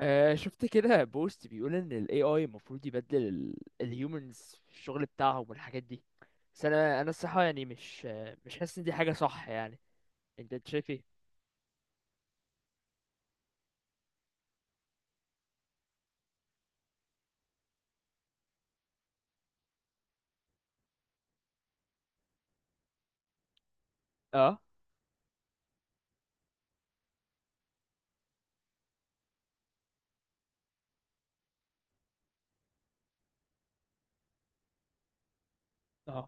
آه، شفت كده بوست بيقول ان ال AI المفروض يبدل ال humans في الشغل بتاعهم والحاجات دي. بس انا الصراحة يعني مش مش حاسس ان دي حاجة صح يعني. أنت شايف ايه؟ اه. اه.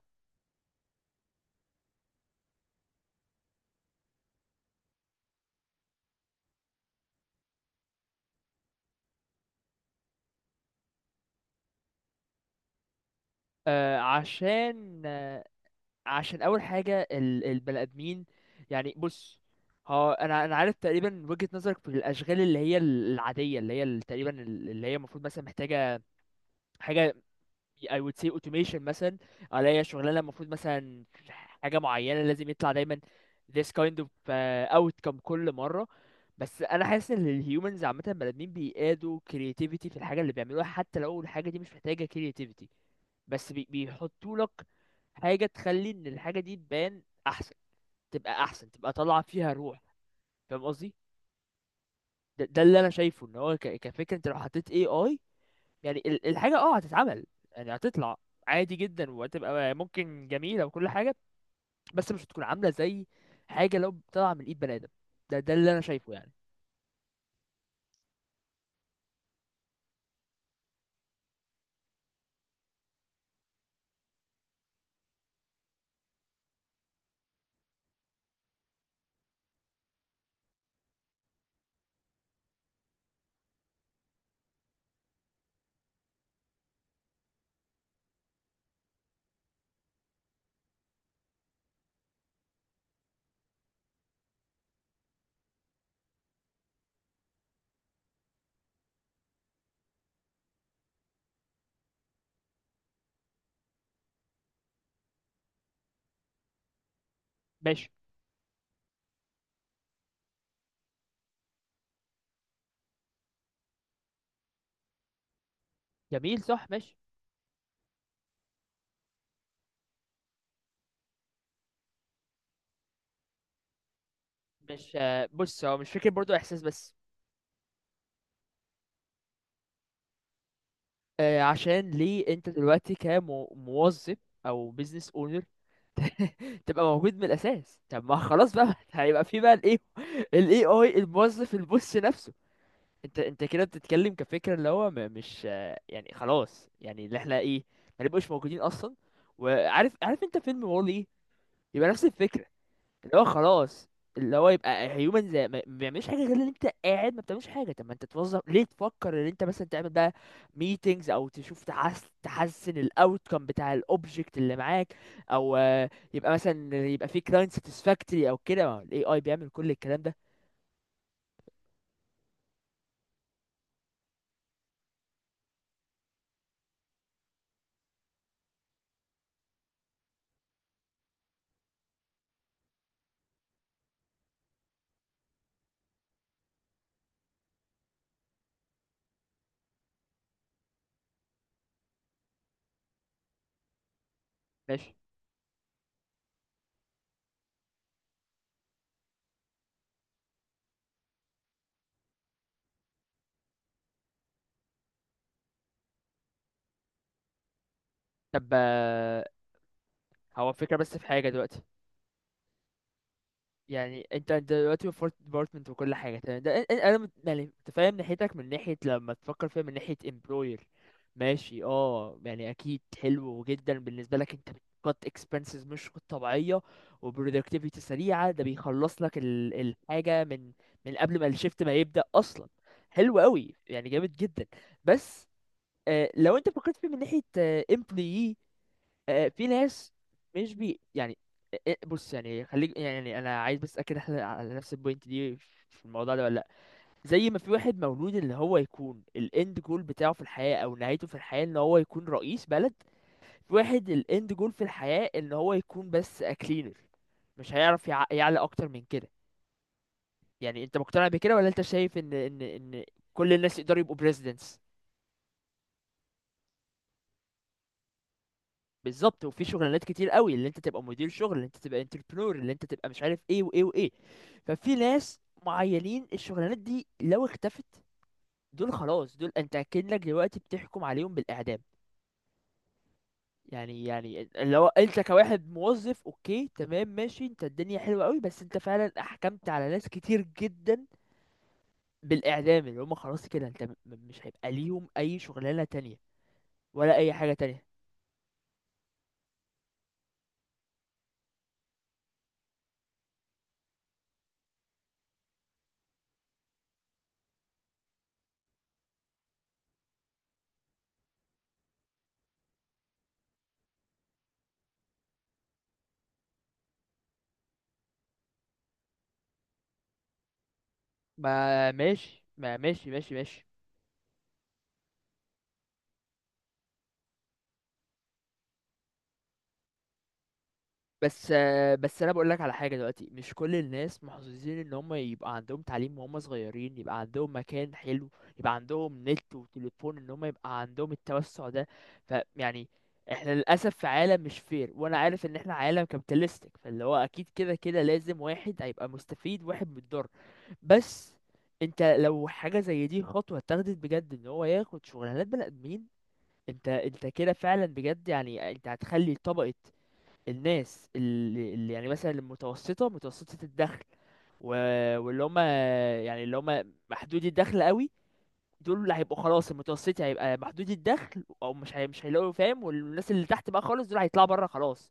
آه، عشان آه، عشان اول حاجة البني ادمين، يعني بص. ها، انا عارف تقريبا وجهة نظرك في الاشغال اللي هي العادية، اللي هي تقريبا اللي هي المفروض مثلا محتاجة حاجة، I would say automation مثلا، عليا شغلانه المفروض مثلا حاجه معينه لازم يطلع دايما this kind of outcome كل مره. بس انا حاسس ان الهيومنز عامه بني ادمين بيقادوا creativity في الحاجه اللي بيعملوها، حتى لو الحاجه دي مش محتاجه creativity. بس بيحطوا لك حاجه تخلي ان الحاجه دي تبان احسن، تبقى احسن، تبقى طالعه فيها روح. فاهم قصدي؟ ده اللي انا شايفه. ان هو كفكره انت لو حطيت AI، يعني الحاجة اه هتتعمل، يعني هتطلع عادي جدا، وهتبقى ممكن جميلة وكل حاجة، بس مش هتكون عاملة زي حاجة لو طالعة من ايد بني آدم. ده اللي انا شايفه يعني. ماشي. جميل صح، ماشي. مش بص، هو مش فكرة برضو احساس بس. عشان ليه انت دلوقتي كموظف او بيزنس اونر تبقى موجود من الاساس؟ طب ما خلاص بقى هيبقى في بقى الايه، الاي اي الموظف البص نفسه. انت كده بتتكلم كفكره اللي هو م- مش آه، يعني خلاص يعني اللي احنا ايه، ما نبقوش موجودين اصلا. عارف انت فيلم وولي؟ يبقى نفس الفكره، اللي هو خلاص، اللي هو يبقى هيومن زي ما بيعملش حاجه غير ان انت قاعد ما بتعملش حاجه. طب ما انت توظف ليه؟ تفكر ان انت مثلا تعمل بقى ميتينجز، او تشوف تحس تحسن الاوتكم بتاع الاوبجكت اللي معاك، او يبقى مثلا يبقى في كلاينت ساتسفاكتوري او كده. الاي اي بيعمل كل الكلام ده. ماشي. طب هو الفكره، بس في حاجه دلوقتي. يعني انت دلوقتي فورت ديبارتمنت وكل حاجه تمام، ده يعني متفاهم ناحيتك من ناحيه لما تفكر فيها من ناحيه امبلوير. ماشي، اه يعني اكيد حلو جدا بالنسبه لك، انت بتقط اكسبنسز مش طبيعيه، وبرودكتيفيتي سريعه، ده بيخلص لك الحاجه من من قبل ما الشيفت ما يبدا اصلا. حلو قوي يعني، جامد جدا. بس آه، لو انت فكرت فيه من ناحيه امبلوي، في ناس مش يعني، بص يعني، خليك يعني انا عايز بس اتاكد احنا على نفس البوينت دي في الموضوع ده ولا لا. زي ما في واحد مولود اللي هو يكون الاند جول بتاعه في الحياة او نهايته في الحياة ان هو يكون رئيس بلد، في واحد الاند جول في الحياة ان هو يكون بس اكلينر، مش هيعرف يعلى اكتر من كده. يعني انت مقتنع بكده ولا انت شايف ان ان كل الناس يقدروا يبقوا presidents؟ بالظبط. وفي شغلانات كتير قوي، اللي انت تبقى مدير شغل، اللي انت تبقى انتربرنور، اللي انت تبقى مش عارف ايه وايه وايه. ففي ناس معينين الشغلانات دي لو اختفت، دول خلاص، دول انت اكنك دلوقتي بتحكم عليهم بالاعدام. يعني يعني لو انت كواحد موظف اوكي تمام ماشي، انت الدنيا حلوه قوي، بس انت فعلا احكمت على ناس كتير جدا بالاعدام، اللي هم خلاص كده انت مش هيبقى ليهم اي شغلانه تانية ولا اي حاجه تانية. ما ماشي ما ماشي ماشي ماشي. بس بس انا بقول لك على حاجه، دلوقتي مش كل الناس محظوظين ان هم يبقى عندهم تعليم وهم صغيرين، يبقى عندهم مكان حلو، يبقى عندهم نت وتليفون، ان هم يبقى عندهم التوسع ده. فيعني احنا للاسف في عالم مش فير، وانا عارف ان احنا عالم كابيتالستيك، فاللي هو اكيد كده كده لازم واحد هيبقى مستفيد واحد متضرر. بس انت لو حاجه زي دي خطوه اتاخدت بجد ان هو ياخد شغلانات بني ادمين، انت كده فعلا بجد يعني انت هتخلي طبقه الناس اللي يعني مثلا المتوسطة، متوسطة الدخل، و... واللي هم يعني اللي هم محدودي الدخل قوي، دول اللي هيبقوا خلاص. المتوسطي هيبقى محدودي الدخل، او مش هيلاقوا فاهم. والناس اللي تحت بقى خالص، دول هيطلعوا بره خلاص.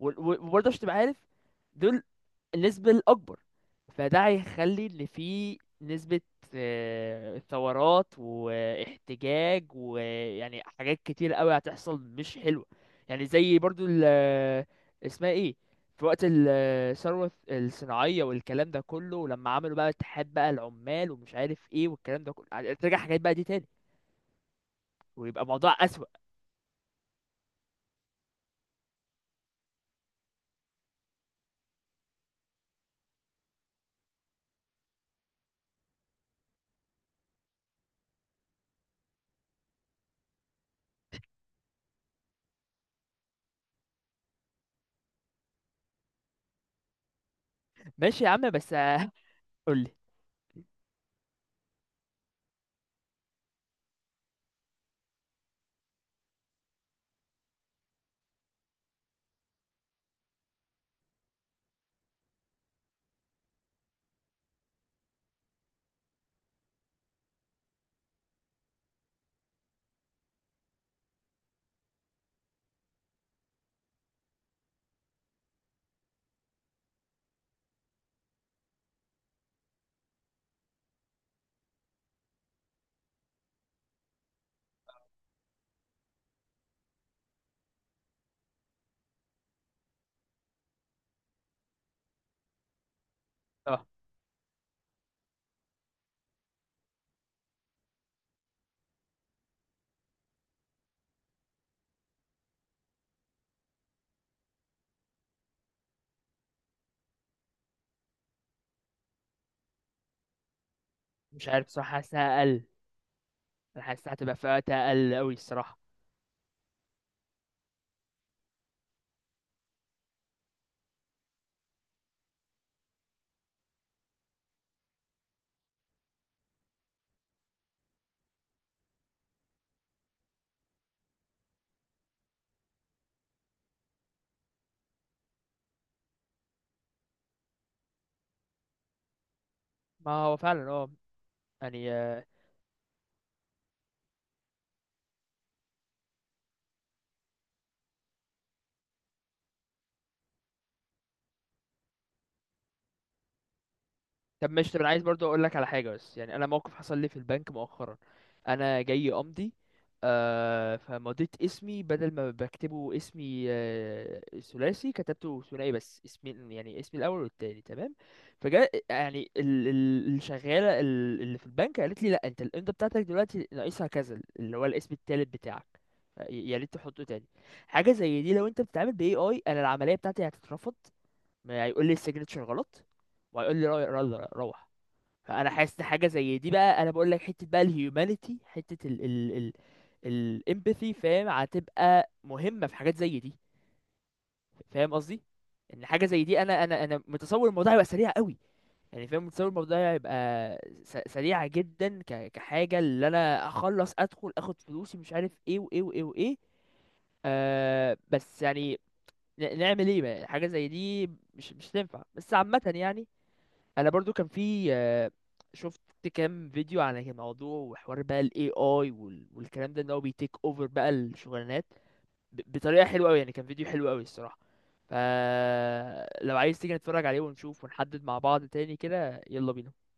وبرضه عشان تبقى عارف، دول النسبة الأكبر. فده هيخلي إن في نسبة ثورات واحتجاج ويعني حاجات كتير قوي هتحصل مش حلوة. يعني زي برضو ال، اسمها ايه، في وقت الثورة الصناعية والكلام ده كله، ولما عملوا بقى اتحاد بقى العمال ومش عارف ايه والكلام ده كله، ترجع حاجات بقى دي تاني ويبقى الموضوع أسوأ. ماشي يا عم، بس قولي. اه. مش عارف، صح، حاسسها أقل. انا حاسسها هتبقى فئات أقل أوي الصراحة. ما هو فعلا اه. يعني آه،. طب ماشي، طب انا عايز برضو اقول لك على حاجه، بس يعني انا موقف حصل لي في البنك مؤخرا. انا جاي امضي، آه، فمضيت اسمي، بدل ما بكتبه اسمي آه ثلاثي كتبته ثنائي، بس اسمي يعني اسمي الاول والتاني تمام. فجاء يعني الشغاله اللي في البنك قالت لي لا انت الامضه بتاعتك دلوقتي ناقصها كذا، اللي هو الاسم التالت بتاعك، يا ريت تحطه تاني. حاجه زي دي لو انت بتتعامل ب AI، انا العمليه بتاعتي هتترفض، ما هيقول لي السيجنتشر غلط وهيقول لي روح. فانا حاسس إن حاجه زي دي، بقى انا بقول لك، حته بقى الهيومانيتي، حته ال الامباثي، فاهم، هتبقى مهمه في حاجات زي دي. فاهم قصدي؟ ان حاجه زي دي انا متصور الموضوع هيبقى سريع قوي، يعني فاهم، متصور الموضوع هيبقى سريع جدا، كحاجه اللي انا اخلص ادخل اخد فلوسي مش عارف ايه وايه وايه وايه. آه بس يعني نعمل ايه بقى؟ حاجه زي دي مش مش تنفع، بس عامه يعني. انا برضو كان في شفت كام فيديو عن الموضوع وحوار بقى ال AI، والكلام ده ان هو بيتيك اوفر بقى الشغلانات بطريقة حلوة قوي، يعني كان فيديو حلو قوي الصراحة. ف لو عايز تيجي نتفرج عليه ونشوف ونحدد مع بعض تاني كده، يلا بينا.